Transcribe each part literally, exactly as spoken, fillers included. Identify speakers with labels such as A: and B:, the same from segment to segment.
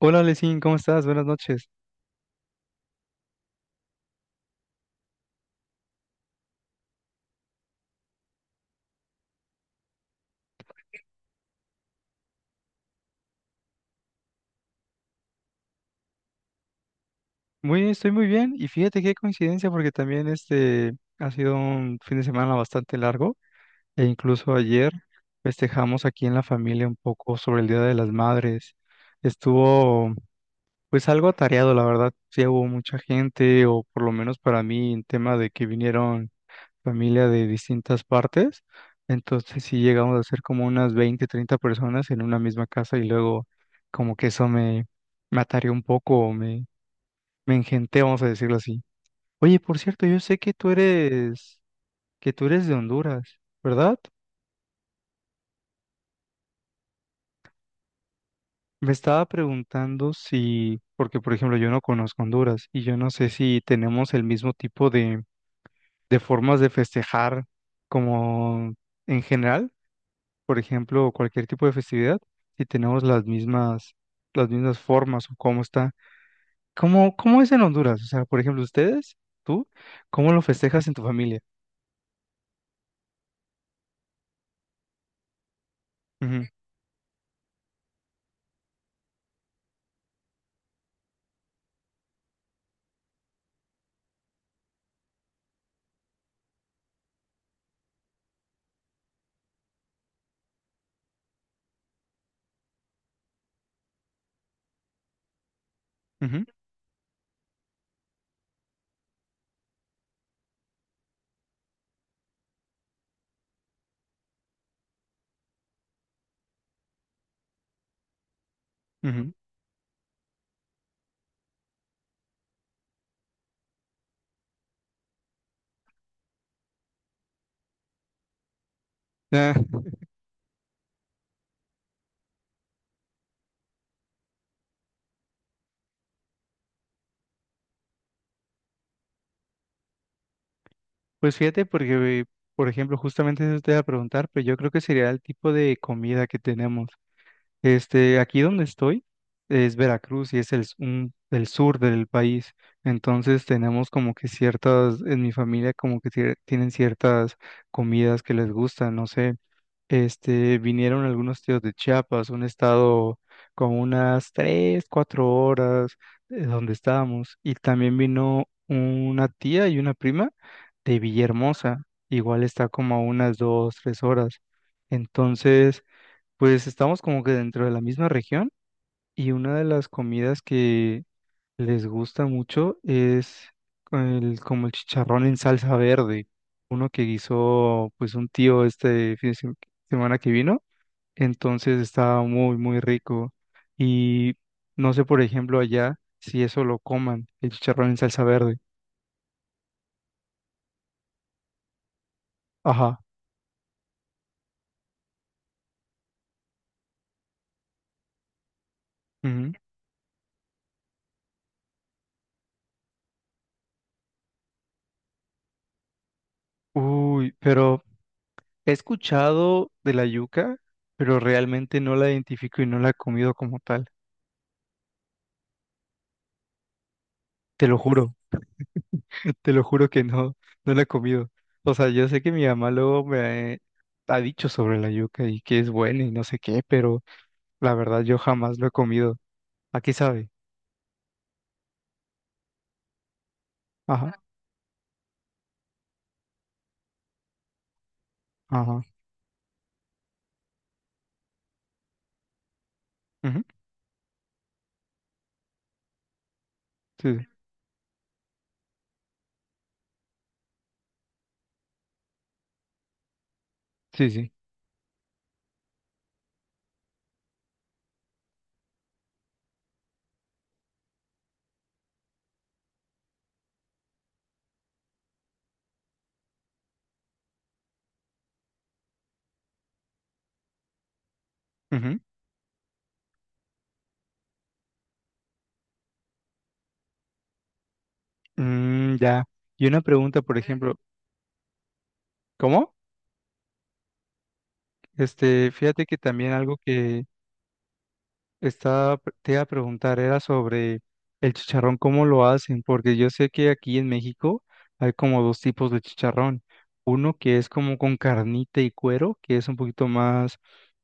A: Hola, Lesin, ¿cómo estás? Buenas noches. Muy, estoy muy bien y fíjate qué coincidencia porque también este ha sido un fin de semana bastante largo e incluso ayer festejamos aquí en la familia un poco sobre el Día de las Madres. Estuvo pues algo atareado, la verdad. Sí hubo mucha gente o por lo menos para mí en tema de que vinieron familia de distintas partes. Entonces sí llegamos a ser como unas veinte, treinta personas en una misma casa y luego como que eso me, me atareó un poco, o me, me engenté, vamos a decirlo así. Oye, por cierto, yo sé que tú eres, que tú eres de Honduras, ¿verdad? Me estaba preguntando si, porque por ejemplo yo no conozco Honduras y yo no sé si tenemos el mismo tipo de, de formas de festejar como en general. Por ejemplo, cualquier tipo de festividad, si tenemos las mismas, las mismas formas o cómo está. ¿Cómo, cómo es en Honduras? O sea, por ejemplo, ustedes, tú, ¿cómo lo festejas en tu familia? Ujú, ujú, ujú. Ah, pues fíjate, porque, por ejemplo, justamente eso te iba a preguntar, pero yo creo que sería el tipo de comida que tenemos. Este, aquí donde estoy es Veracruz y es el, s- un- el sur del país. Entonces tenemos como que ciertas, en mi familia como que tie- tienen ciertas comidas que les gustan, no sé. Este, vinieron algunos tíos de Chiapas, un estado como unas tres, cuatro horas de donde estábamos. Y también vino una tía y una prima de Villahermosa. Igual está como a unas dos, tres horas. Entonces, pues estamos como que dentro de la misma región y una de las comidas que les gusta mucho es el, como el chicharrón en salsa verde, uno que guisó pues un tío este fin de sem- semana que vino, entonces estaba muy muy rico y no sé por ejemplo allá si eso lo coman, el chicharrón en salsa verde. Ajá. Ujú. Uy, pero he escuchado de la yuca, pero realmente no la identifico y no la he comido como tal. Te lo juro, te lo juro que no, no la he comido. O sea, yo sé que mi mamá luego me ha dicho sobre la yuca y que es buena y no sé qué, pero la verdad yo jamás lo he comido. Aquí sabe. Ajá, ajá. Ujú, sí, sí, sí. Ujú. Mm, ya. Y una pregunta, por ejemplo, ¿cómo? Este, fíjate que también algo que estaba, te iba a preguntar, era sobre el chicharrón, cómo lo hacen, porque yo sé que aquí en México hay como dos tipos de chicharrón. Uno que es como con carnita y cuero, que es un poquito más,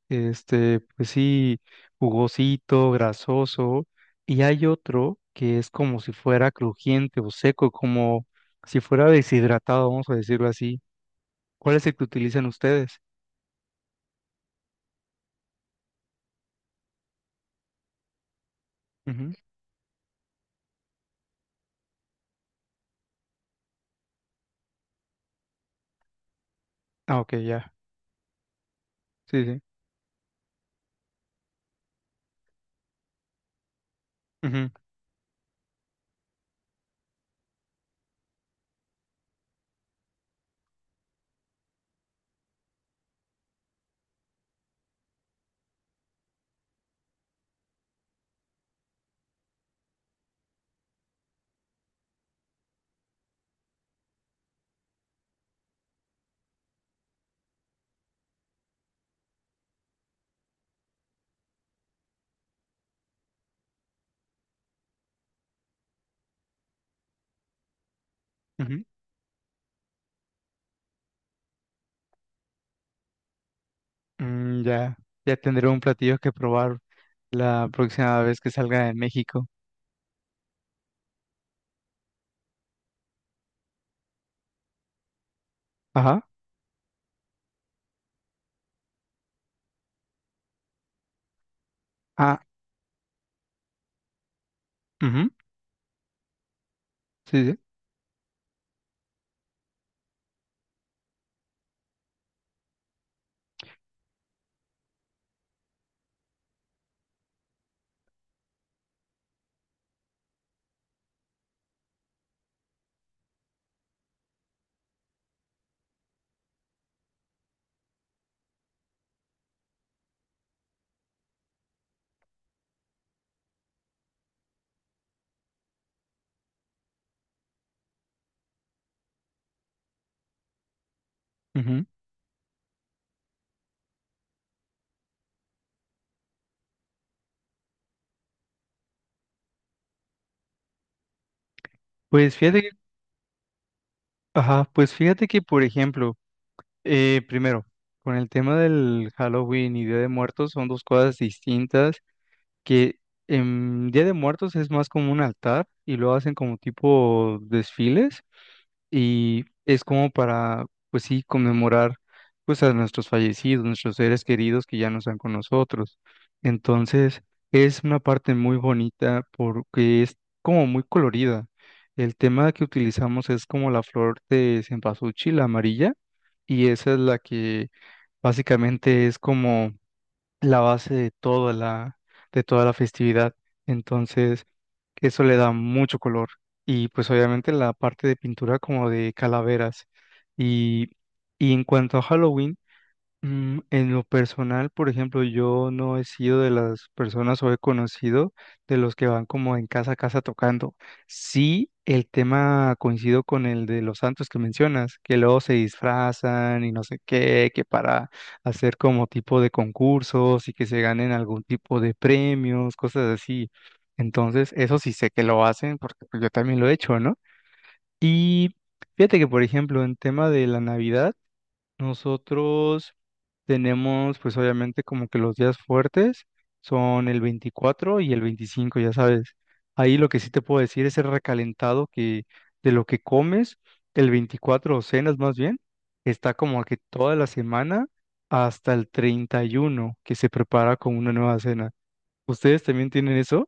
A: este, pues sí, jugosito, grasoso. Y hay otro que es como si fuera crujiente o seco, como si fuera deshidratado, vamos a decirlo así. ¿Cuál es el que utilizan ustedes? Ujú. Ah, ok, ya. Sí, sí. Ujú, ujú. Mm, ya, ya tendré un platillo que probar la próxima vez que salga de México. Ajá. Ah, ujú, sí, sí. Ujú. Pues fíjate que, ajá, pues fíjate que, por ejemplo, eh, primero, con el tema del Halloween y Día de Muertos son dos cosas distintas que en Día de Muertos es más como un altar y lo hacen como tipo desfiles y es como para, pues sí, conmemorar pues a nuestros fallecidos, nuestros seres queridos que ya no están con nosotros. Entonces, es una parte muy bonita porque es como muy colorida. El tema que utilizamos es como la flor de cempasúchil, la amarilla, y esa es la que básicamente es como la base de toda la, de toda la festividad. Entonces, eso le da mucho color. Y pues obviamente la parte de pintura como de calaveras. Y, y en cuanto a Halloween, mm, en lo personal, por ejemplo, yo no he sido de las personas o he conocido de los que van como en casa a casa tocando. Sí, el tema coincido con el de los santos que mencionas, que luego se disfrazan y no sé qué, que para hacer como tipo de concursos y que se ganen algún tipo de premios, cosas así. Entonces, eso sí sé que lo hacen porque pues, yo también lo he hecho, ¿no? Y fíjate que, por ejemplo, en tema de la Navidad, nosotros tenemos, pues obviamente como que los días fuertes son el veinticuatro y el veinticinco ya sabes. Ahí lo que sí te puedo decir es el recalentado que de lo que comes, el veinticuatro o cenas más bien, está como que toda la semana hasta el treinta y uno que se prepara con una nueva cena. ¿Ustedes también tienen eso?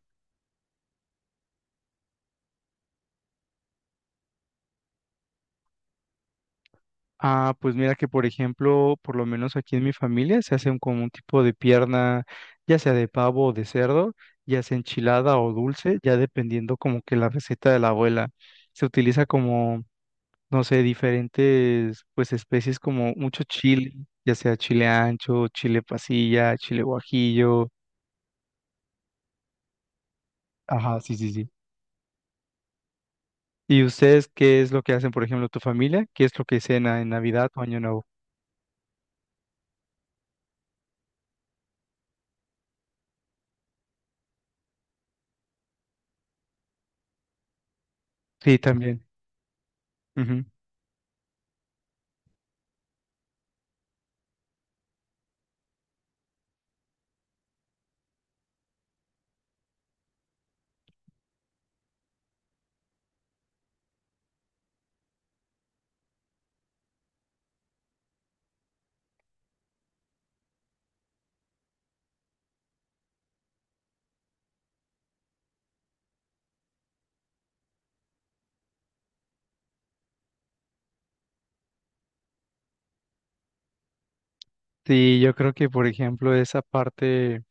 A: Ah, pues mira que por ejemplo, por lo menos aquí en mi familia se hace un- como un tipo de pierna, ya sea de pavo o de cerdo, ya sea enchilada o dulce, ya dependiendo como que la receta de la abuela. Se utiliza como, no sé, diferentes pues especies como mucho chile, ya sea chile ancho, chile pasilla, chile guajillo. Ajá, sí, sí, sí. ¿Y ustedes qué es lo que hacen, por ejemplo, tu familia? ¿Qué es lo que cena en Navidad o Año Nuevo? Sí, también. Sí, yo creo que, por ejemplo, esa parte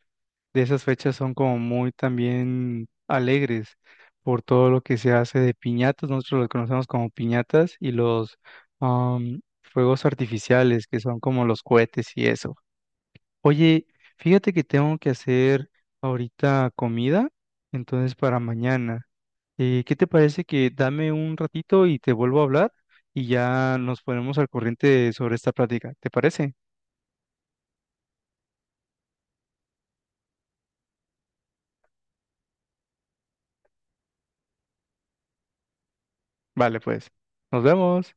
A: de esas fechas son como muy también alegres por todo lo que se hace de piñatas. Nosotros los conocemos como piñatas y los am, fuegos artificiales, que son como los cohetes y eso. Oye, fíjate que tengo que hacer ahorita comida, entonces para mañana. Eh, ¿qué te parece que dame un ratito y te vuelvo a hablar y ya nos ponemos al corriente sobre esta plática? ¿Te parece? Vale, pues. Nos vemos.